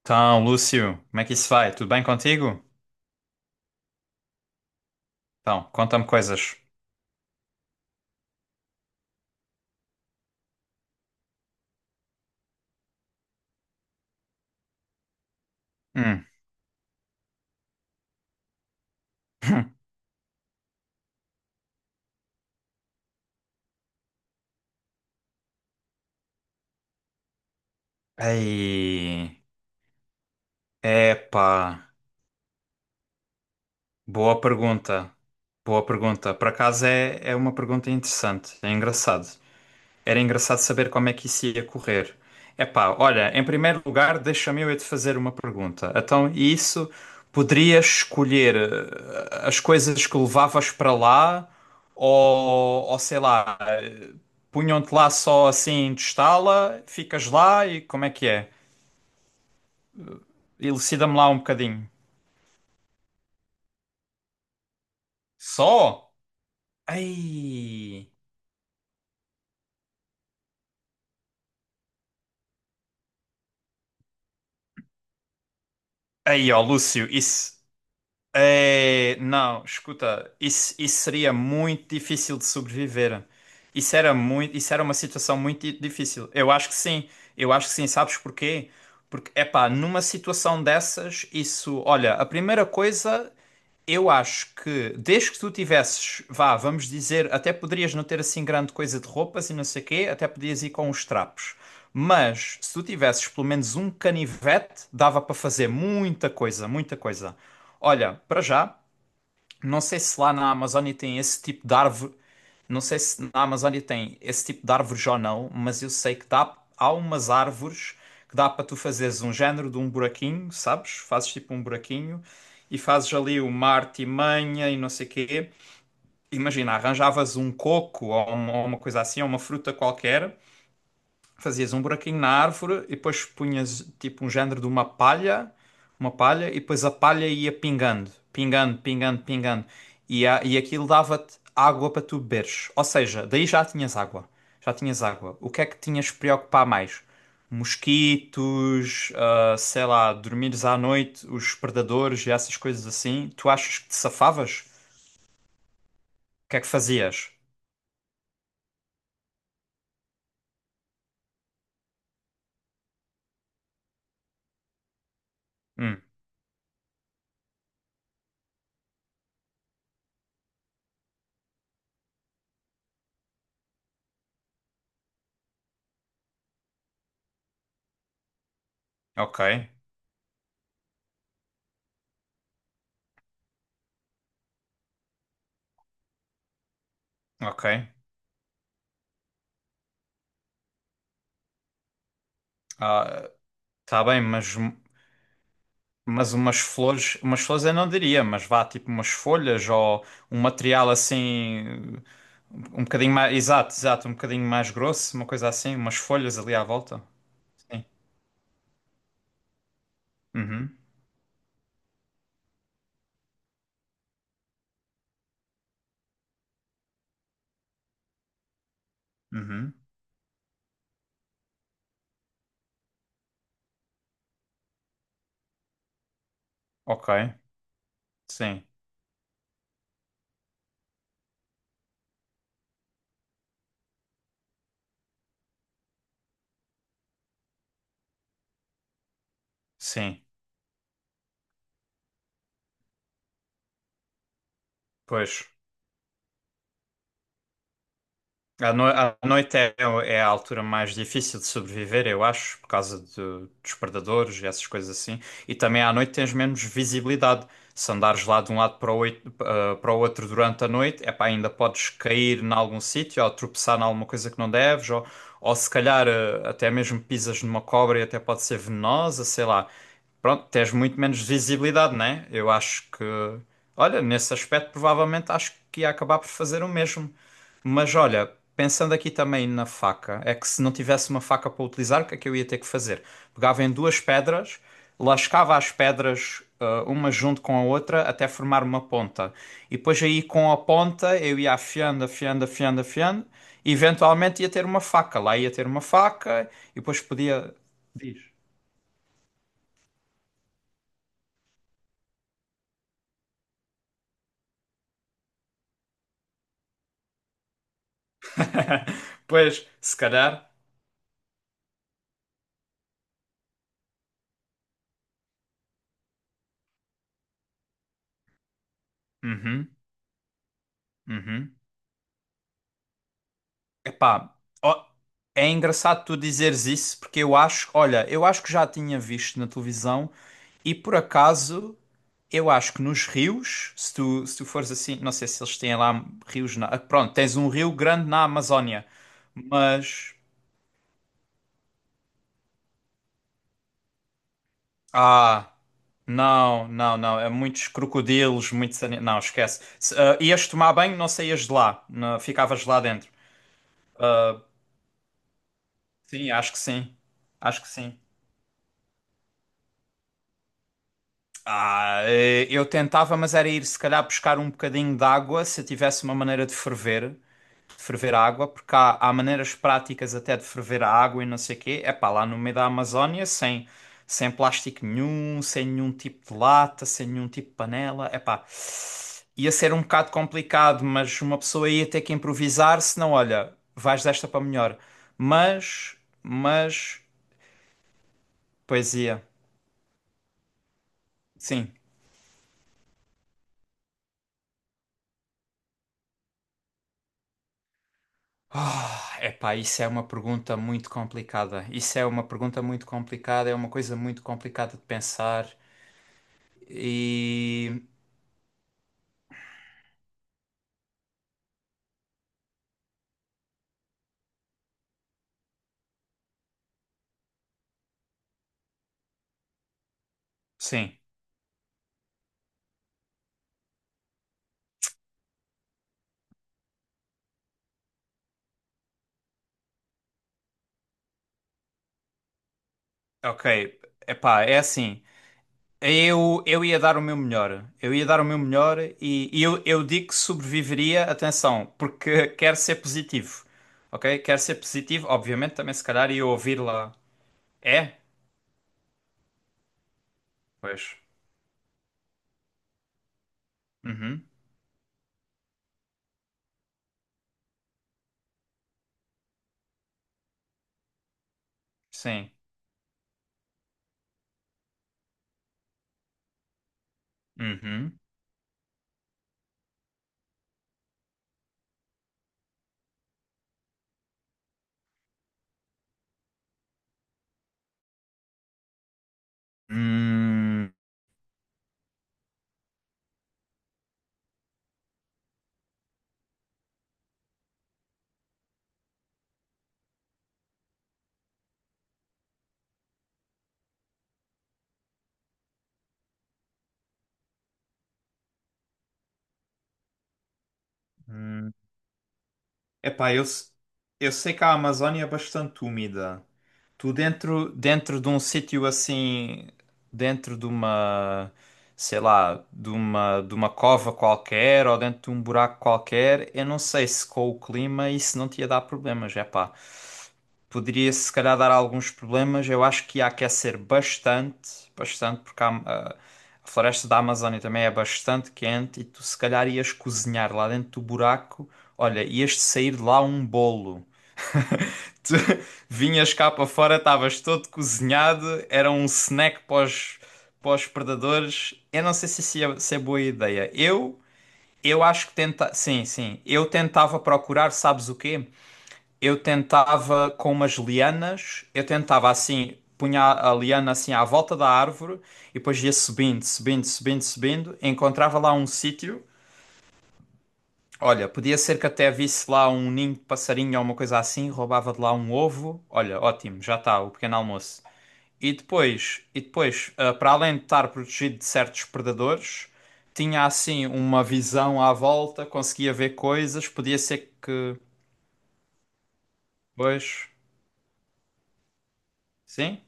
Então, Lúcio, como é que isso vai? Tudo bem contigo? Então, conta-me coisas. Hum. Ei, epá, boa pergunta. Boa pergunta. Por acaso é uma pergunta interessante, é engraçado. Era engraçado saber como é que isso ia correr. Epá, olha, em primeiro lugar, deixa-me eu é te fazer uma pergunta. Então, e isso poderias escolher as coisas que levavas para lá ou sei lá, punham-te lá só assim, testá-la, ficas lá e como é que é? Elucida-me lá um bocadinho. Só? Ei! Ei, ó, Lúcio, isso. É, não, escuta, isso seria muito difícil de sobreviver. Isso era muito, isso era uma situação difícil. Eu acho que sim, eu acho que sim, sabes porquê? Porque, epá, numa situação dessas, isso, olha, a primeira coisa, eu acho que desde que tu tivesses, vá, vamos dizer, até poderias não ter assim grande coisa de roupas e não sei quê, até podias ir com os trapos. Mas se tu tivesses pelo menos um canivete, dava para fazer muita coisa, muita coisa. Olha, para já, não sei se lá na Amazónia tem esse tipo de árvore, não sei se na Amazónia tem esse tipo de árvores ou não, mas eu sei que dá, há umas árvores que dá para tu fazeres um género de um buraquinho, sabes? Fazes tipo um buraquinho e fazes ali uma artimanha e não sei quê. Imagina, arranjavas um coco ou uma coisa assim, ou uma fruta qualquer. Fazias um buraquinho na árvore e depois punhas tipo um género de uma palha, e depois a palha ia pingando, pingando, pingando, pingando. E aquilo dava-te água para tu beberes. Ou seja, daí já tinhas água. Já tinhas água. O que é que tinhas que preocupar mais? Mosquitos, ah, sei lá, dormires à noite, os predadores e essas coisas assim. Tu achas que te safavas? O que é que fazias? Hum, ok, ok. Ah, tá bem, mas umas flores eu não diria, mas vá tipo umas folhas ou um material assim, um bocadinho mais, exato, exato, um bocadinho mais grosso, uma coisa assim, umas folhas ali à volta. Sim. Uhum, uhum. Ok, sim, sim, pois. A, no- a noite é a altura mais difícil de sobreviver, eu acho, dos predadores e essas coisas assim. E também à noite tens menos visibilidade. Se andares lá de um lado para o outro durante a noite, epá, ainda podes cair em algum sítio ou tropeçar em alguma coisa que não deves, ou se calhar até mesmo pisas numa cobra e até pode ser venenosa, sei lá. Pronto, tens muito menos visibilidade, né? Eu acho que, olha, nesse aspecto provavelmente acho que ia acabar por fazer o mesmo. Mas olha, pensando aqui também na faca, é que se não tivesse uma faca para utilizar, o que é que eu ia ter que fazer? Pegava em duas pedras, lascava as pedras, ah, uma junto com a outra, até formar uma ponta. E depois aí com a ponta eu ia afiando, afiando, afiando, afiando, e eventualmente ia ter uma faca. Lá ia ter uma faca, e depois podia. Diz. Pois, se calhar. Uhum, uhum. Epá, ó, é engraçado tu dizeres isso, porque eu acho, olha, eu acho que já tinha visto na televisão e por acaso eu acho que nos rios, se tu fores assim, não sei se eles têm lá rios na, ah, pronto, tens um rio grande na Amazónia, mas ah, não, não, não, é muitos crocodilos, muitos, ani- não, esquece. Se, ah, ias tomar banho, não saías de lá, não, ficavas lá dentro. Sim, acho que sim. Acho que sim. Ah, eu tentava, mas era ir se calhar buscar um bocadinho de água se eu tivesse uma maneira de ferver a água, porque há, há maneiras práticas até de ferver a água e não sei o quê. É pá, lá no meio da Amazónia, sem, sem plástico nenhum, sem nenhum tipo de lata, sem nenhum tipo de panela. É pá, ia ser um bocado complicado, mas uma pessoa ia ter que improvisar, senão, olha, vais desta para melhor. Mas, mas, poesia, sim. Ah, epá, isso é uma pergunta muito complicada. Isso é uma pergunta muito complicada, é uma coisa muito complicada de pensar. E sim, ok. Epá, é assim. Eu ia dar o meu melhor. Eu ia dar o meu melhor e eu digo que sobreviveria, atenção, porque quero ser positivo. Ok? Quero ser positivo, obviamente, também se calhar ia ouvir lá. É? Pois. Uhum. Sim. Uhum. Hum. Hum. Epá, eu, se- eu sei que a Amazónia é bastante úmida. Tu dentro, dentro de um sítio assim, dentro de uma, sei lá, de uma cova qualquer ou dentro de um buraco qualquer, eu não sei se com o clima isso não te ia dar problemas, é pá. Poderia se calhar dar alguns problemas, eu acho que ia aquecer bastante, bastante, porque a floresta da Amazónia também é bastante quente e tu se calhar ias cozinhar lá dentro do buraco, olha, ias sair de lá um bolo. Tu vinhas cá para fora, estavas todo cozinhado, era um snack para os predadores. Eu não sei se, isso é, se é boa ideia. Eu acho que tenta... Sim, sim. Eu tentava procurar, sabes o quê? Eu tentava com umas lianas, eu tentava assim, punha a liana assim à volta da árvore e depois ia subindo, subindo, subindo, subindo, encontrava lá um sítio. Olha, podia ser que até visse lá um ninho de passarinho ou uma coisa assim, roubava de lá um ovo. Olha, ótimo, já está, o pequeno almoço. E depois, ah, para além de estar protegido de certos predadores, tinha assim uma visão à volta, conseguia ver coisas, podia ser que, pois, sim,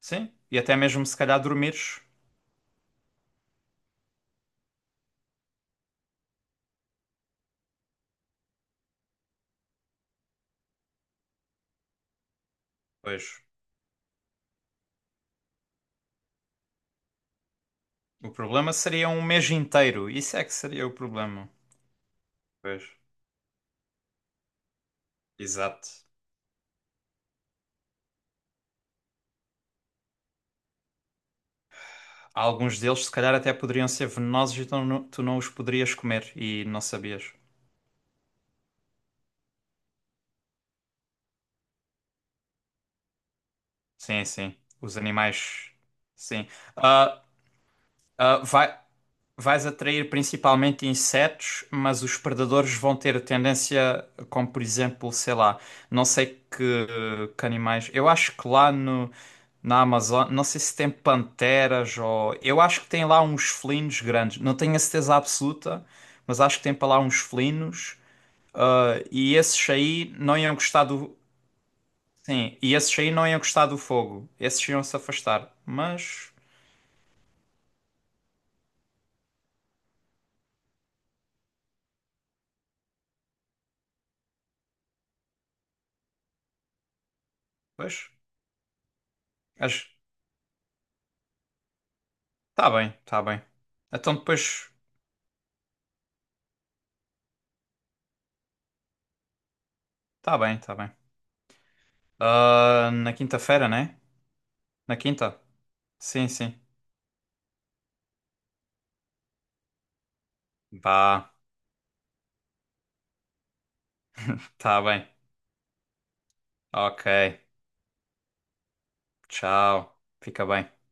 sim, e até mesmo se calhar dormires. Pois, o problema seria um mês inteiro, isso é que seria o problema. Pois, exato. Alguns deles, se calhar, até poderiam ser venenosos e tu não os poderias comer e não sabias. Sim, sim. Os animais. Sim. Ah, ah, vai, vais atrair principalmente insetos, mas os predadores vão ter tendência, como por exemplo, sei lá, não sei que animais. Eu acho que lá no, na Amazônia, não sei se tem panteras ou. Eu acho que tem lá uns felinos grandes. Não tenho a certeza absoluta, mas acho que tem para lá uns felinos. Ah, e esses aí não iam gostar do. Sim, e esses aí não iam gostar do fogo. Esses iam se afastar. Mas. Pois. Acho... Tá bem, tá bem. Então depois. Tá bem, tá bem. Ah, na quinta-feira, né? Na quinta? Sim, sim. Vá, tá bem. Ok. Tchau. Fica bem.